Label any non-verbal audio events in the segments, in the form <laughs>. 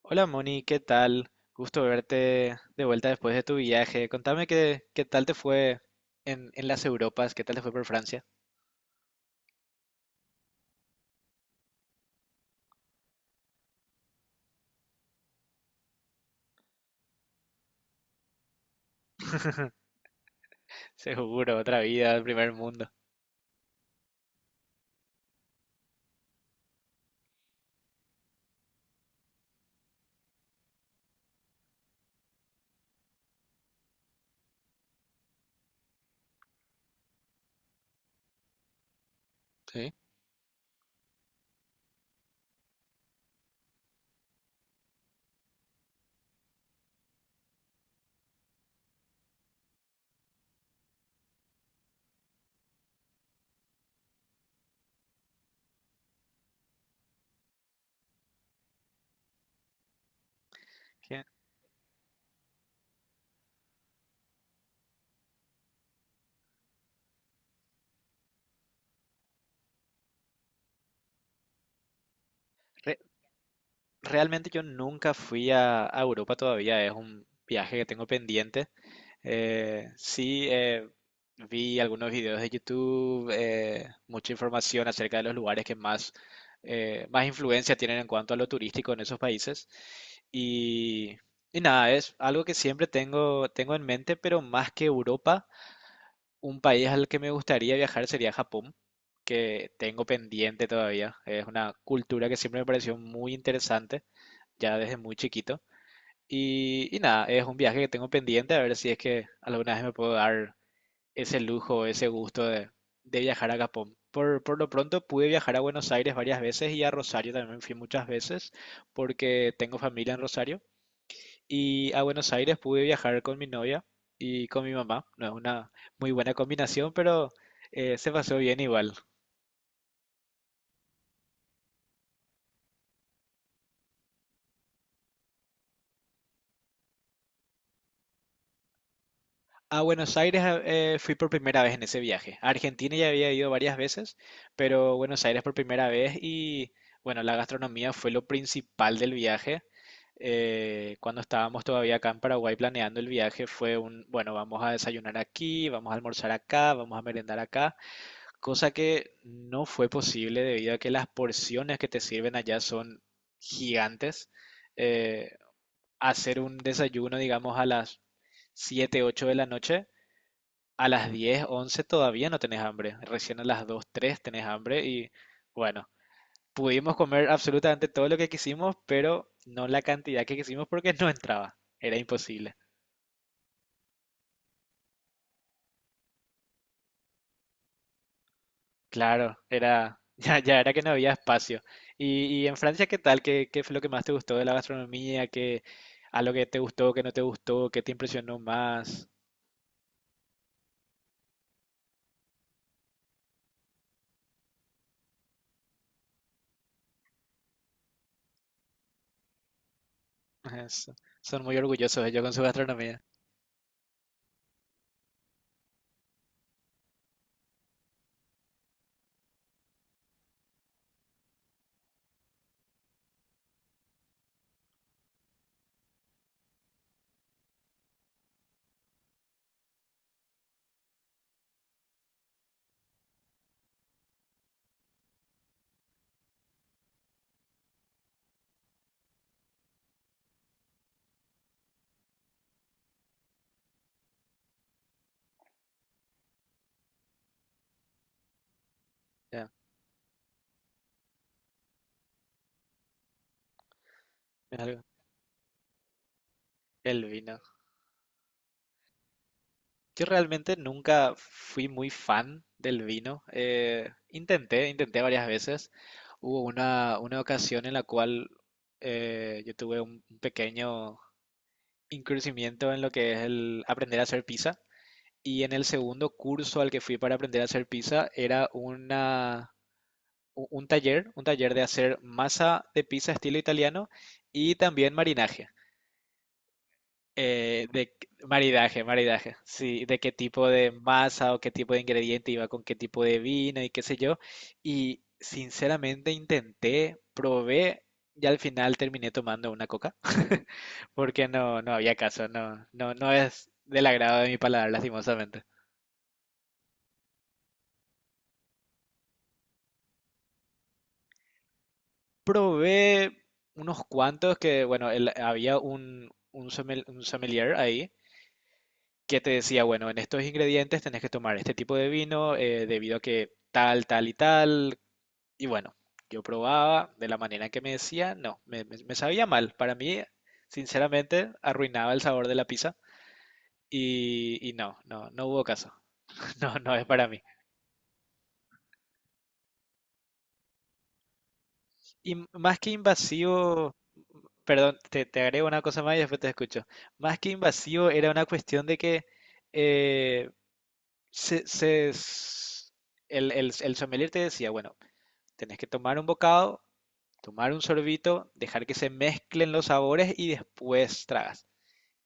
Hola Moni, ¿qué tal? Gusto verte de vuelta después de tu viaje. Contame qué tal te fue en las Europas, qué tal te fue por Francia. <laughs> Seguro, otra vida, el primer mundo. Sí, Que re- realmente yo nunca fui a Europa todavía, es un viaje que tengo pendiente. Sí, vi algunos videos de YouTube, mucha información acerca de los lugares que más, más influencia tienen en cuanto a lo turístico en esos países. Y, y nada, es algo que siempre tengo en mente, pero más que Europa, un país al que me gustaría viajar sería Japón, que tengo pendiente todavía. Es una cultura que siempre me pareció muy interesante, ya desde muy chiquito. Y nada, es un viaje que tengo pendiente, a ver si es que alguna vez me puedo dar ese lujo, ese gusto de viajar a Japón. Por lo pronto pude viajar a Buenos Aires varias veces y a Rosario también fui muchas veces porque tengo familia en Rosario. Y a Buenos Aires pude viajar con mi novia y con mi mamá. No es una muy buena combinación, pero se pasó bien igual. A Buenos Aires fui por primera vez en ese viaje. A Argentina ya había ido varias veces, pero Buenos Aires por primera vez y bueno, la gastronomía fue lo principal del viaje. Cuando estábamos todavía acá en Paraguay planeando el viaje fue un, bueno, vamos a desayunar aquí, vamos a almorzar acá, vamos a merendar acá, cosa que no fue posible debido a que las porciones que te sirven allá son gigantes. Eh, hacer un desayuno, digamos, a las 7 8 de la noche a las 10 11 todavía no tenés hambre. Recién a las 2 3 tenés hambre y bueno, pudimos comer absolutamente todo lo que quisimos, pero no la cantidad que quisimos porque no entraba. Era imposible. Claro, era <laughs> ya, ya era que no había espacio. Y en Francia, ¿qué tal? ¿Qué, qué fue lo que más te gustó de la gastronomía? ¿Qué, a lo que te gustó, qué no te gustó, qué te impresionó más? <laughs> Es- son muy orgullosos ellos con su gastronomía. Ya, mira algo. El vino. Yo realmente nunca fui muy fan del vino. Intenté varias veces. Hubo una ocasión en la cual yo tuve un pequeño incursimiento en lo que es el aprender a hacer pizza. Y en el segundo curso al que fui para aprender a hacer pizza era una, un taller de hacer masa de pizza estilo italiano y también marinaje. De maridaje, sí, de qué tipo de masa o qué tipo de ingrediente iba con qué tipo de vino y qué sé yo. Y sinceramente intenté, probé y al final terminé tomando una coca <laughs> porque no, no había caso, no, no, no es del agrado de mi paladar, lastimosamente. Probé unos cuantos que, bueno, había un un sommelier ahí que te decía, bueno, en estos ingredientes tenés que tomar este tipo de vino debido a que tal, tal y tal. Y bueno, yo probaba de la manera que me decía, no, me sabía mal. Para mí, sinceramente, arruinaba el sabor de la pizza y no, no, no hubo caso. <laughs> No, no es para mí. Y más que invasivo, perdón, te agrego una cosa más y después te escucho. Más que invasivo era una cuestión de que eh, se, se s- el sommelier te decía, bueno, tenés que tomar un bocado, tomar un sorbito, dejar que se mezclen los sabores y después tragas.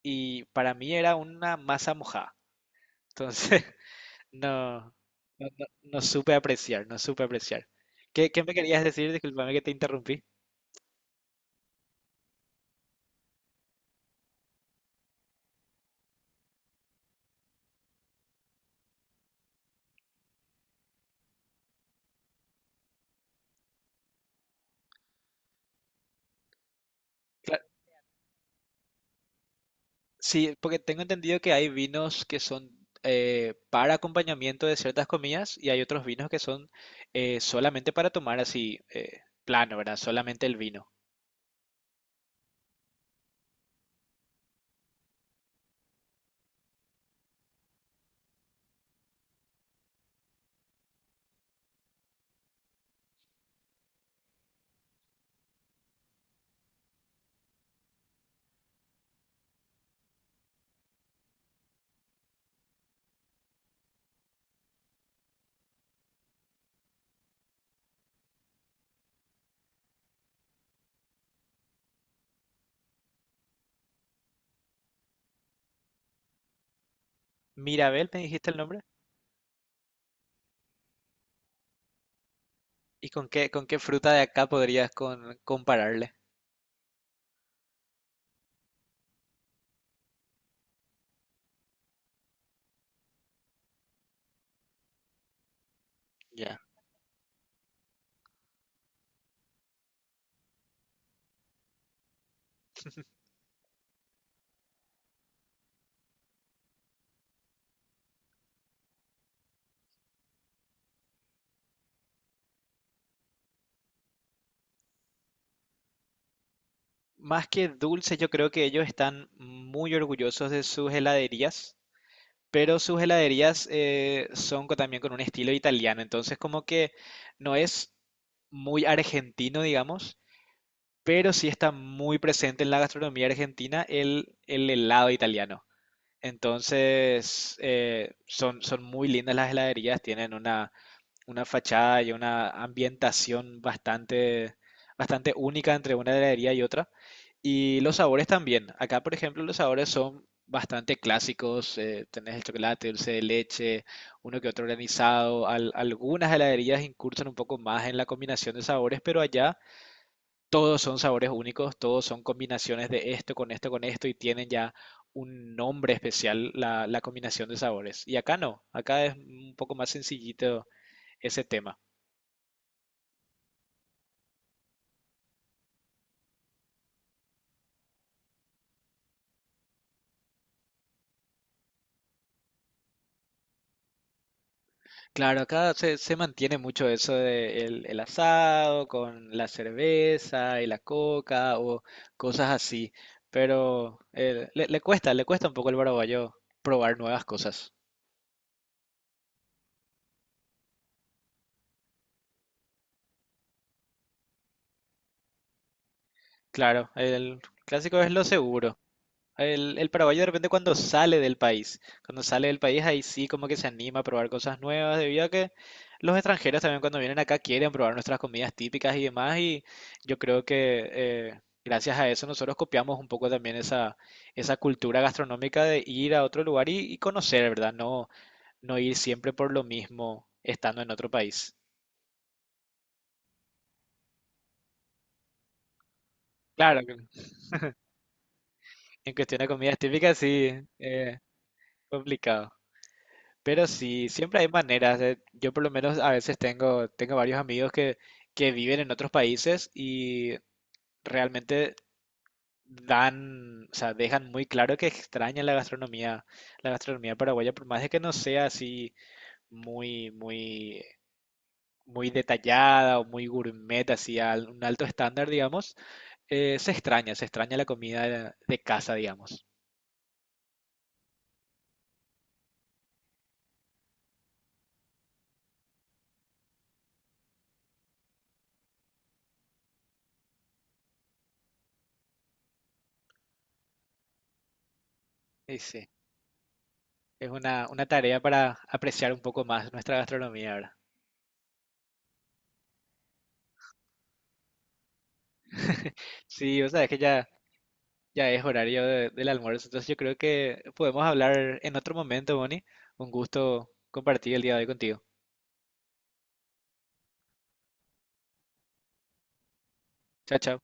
Y para mí era una masa mojada. Entonces, <laughs> no, no supe apreciar, no supe apreciar. ¿Qué, qué me querías decir? Disculpame que te interrumpí. Claro, sí, porque tengo entendido que hay vinos que son para acompañamiento de ciertas comidas y hay otros vinos que son solamente para tomar así, plano, ¿verdad? Solamente el vino. Mirabel, ¿me dijiste el nombre? ¿Y con qué fruta de acá podrías compararle? Ya. Más que dulce, yo creo que ellos están muy orgullosos de sus heladerías, pero sus heladerías también con un estilo italiano, entonces como que no es muy argentino, digamos, pero sí está muy presente en la gastronomía argentina el helado italiano. Entonces, son muy lindas las heladerías, tienen una fachada y una ambientación bastante, bastante única entre una heladería y otra. Y los sabores también. Acá, por ejemplo, los sabores son bastante clásicos. Tenés el chocolate, dulce de leche, uno que otro granizado. Algunas heladerías incursan un poco más en la combinación de sabores, pero allá todos son sabores únicos, todos son combinaciones de esto con esto con esto y tienen ya un nombre especial la combinación de sabores. Y acá no, acá es un poco más sencillito ese tema. Claro, acá se mantiene mucho eso de el asado con la cerveza y la coca o cosas así, pero le cuesta un poco al paraguayo probar nuevas cosas. Claro, el clásico es lo seguro. El paraguayo de repente cuando sale del país, cuando sale del país ahí sí como que se anima a probar cosas nuevas, debido a que los extranjeros también cuando vienen acá quieren probar nuestras comidas típicas y demás, y yo creo que gracias a eso nosotros copiamos un poco también esa cultura gastronómica de ir a otro lugar y conocer, ¿verdad? No, no ir siempre por lo mismo estando en otro país. Claro, que en cuestión de comidas típicas sí, eh, complicado. Pero sí, siempre hay maneras. Yo por lo menos a veces tengo varios amigos que viven en otros países y realmente dan, o sea, dejan muy claro que extrañan la gastronomía paraguaya, por más de que no sea así muy, muy, muy detallada o muy gourmet, así a un alto estándar, digamos, se extraña la comida de casa, digamos. Y sí, es una tarea para apreciar un poco más nuestra gastronomía, ahora sí, o sea, es que ya, ya es horario del almuerzo, entonces yo creo que podemos hablar en otro momento, Bonnie. Un gusto compartir el día de hoy contigo. Chao, chao.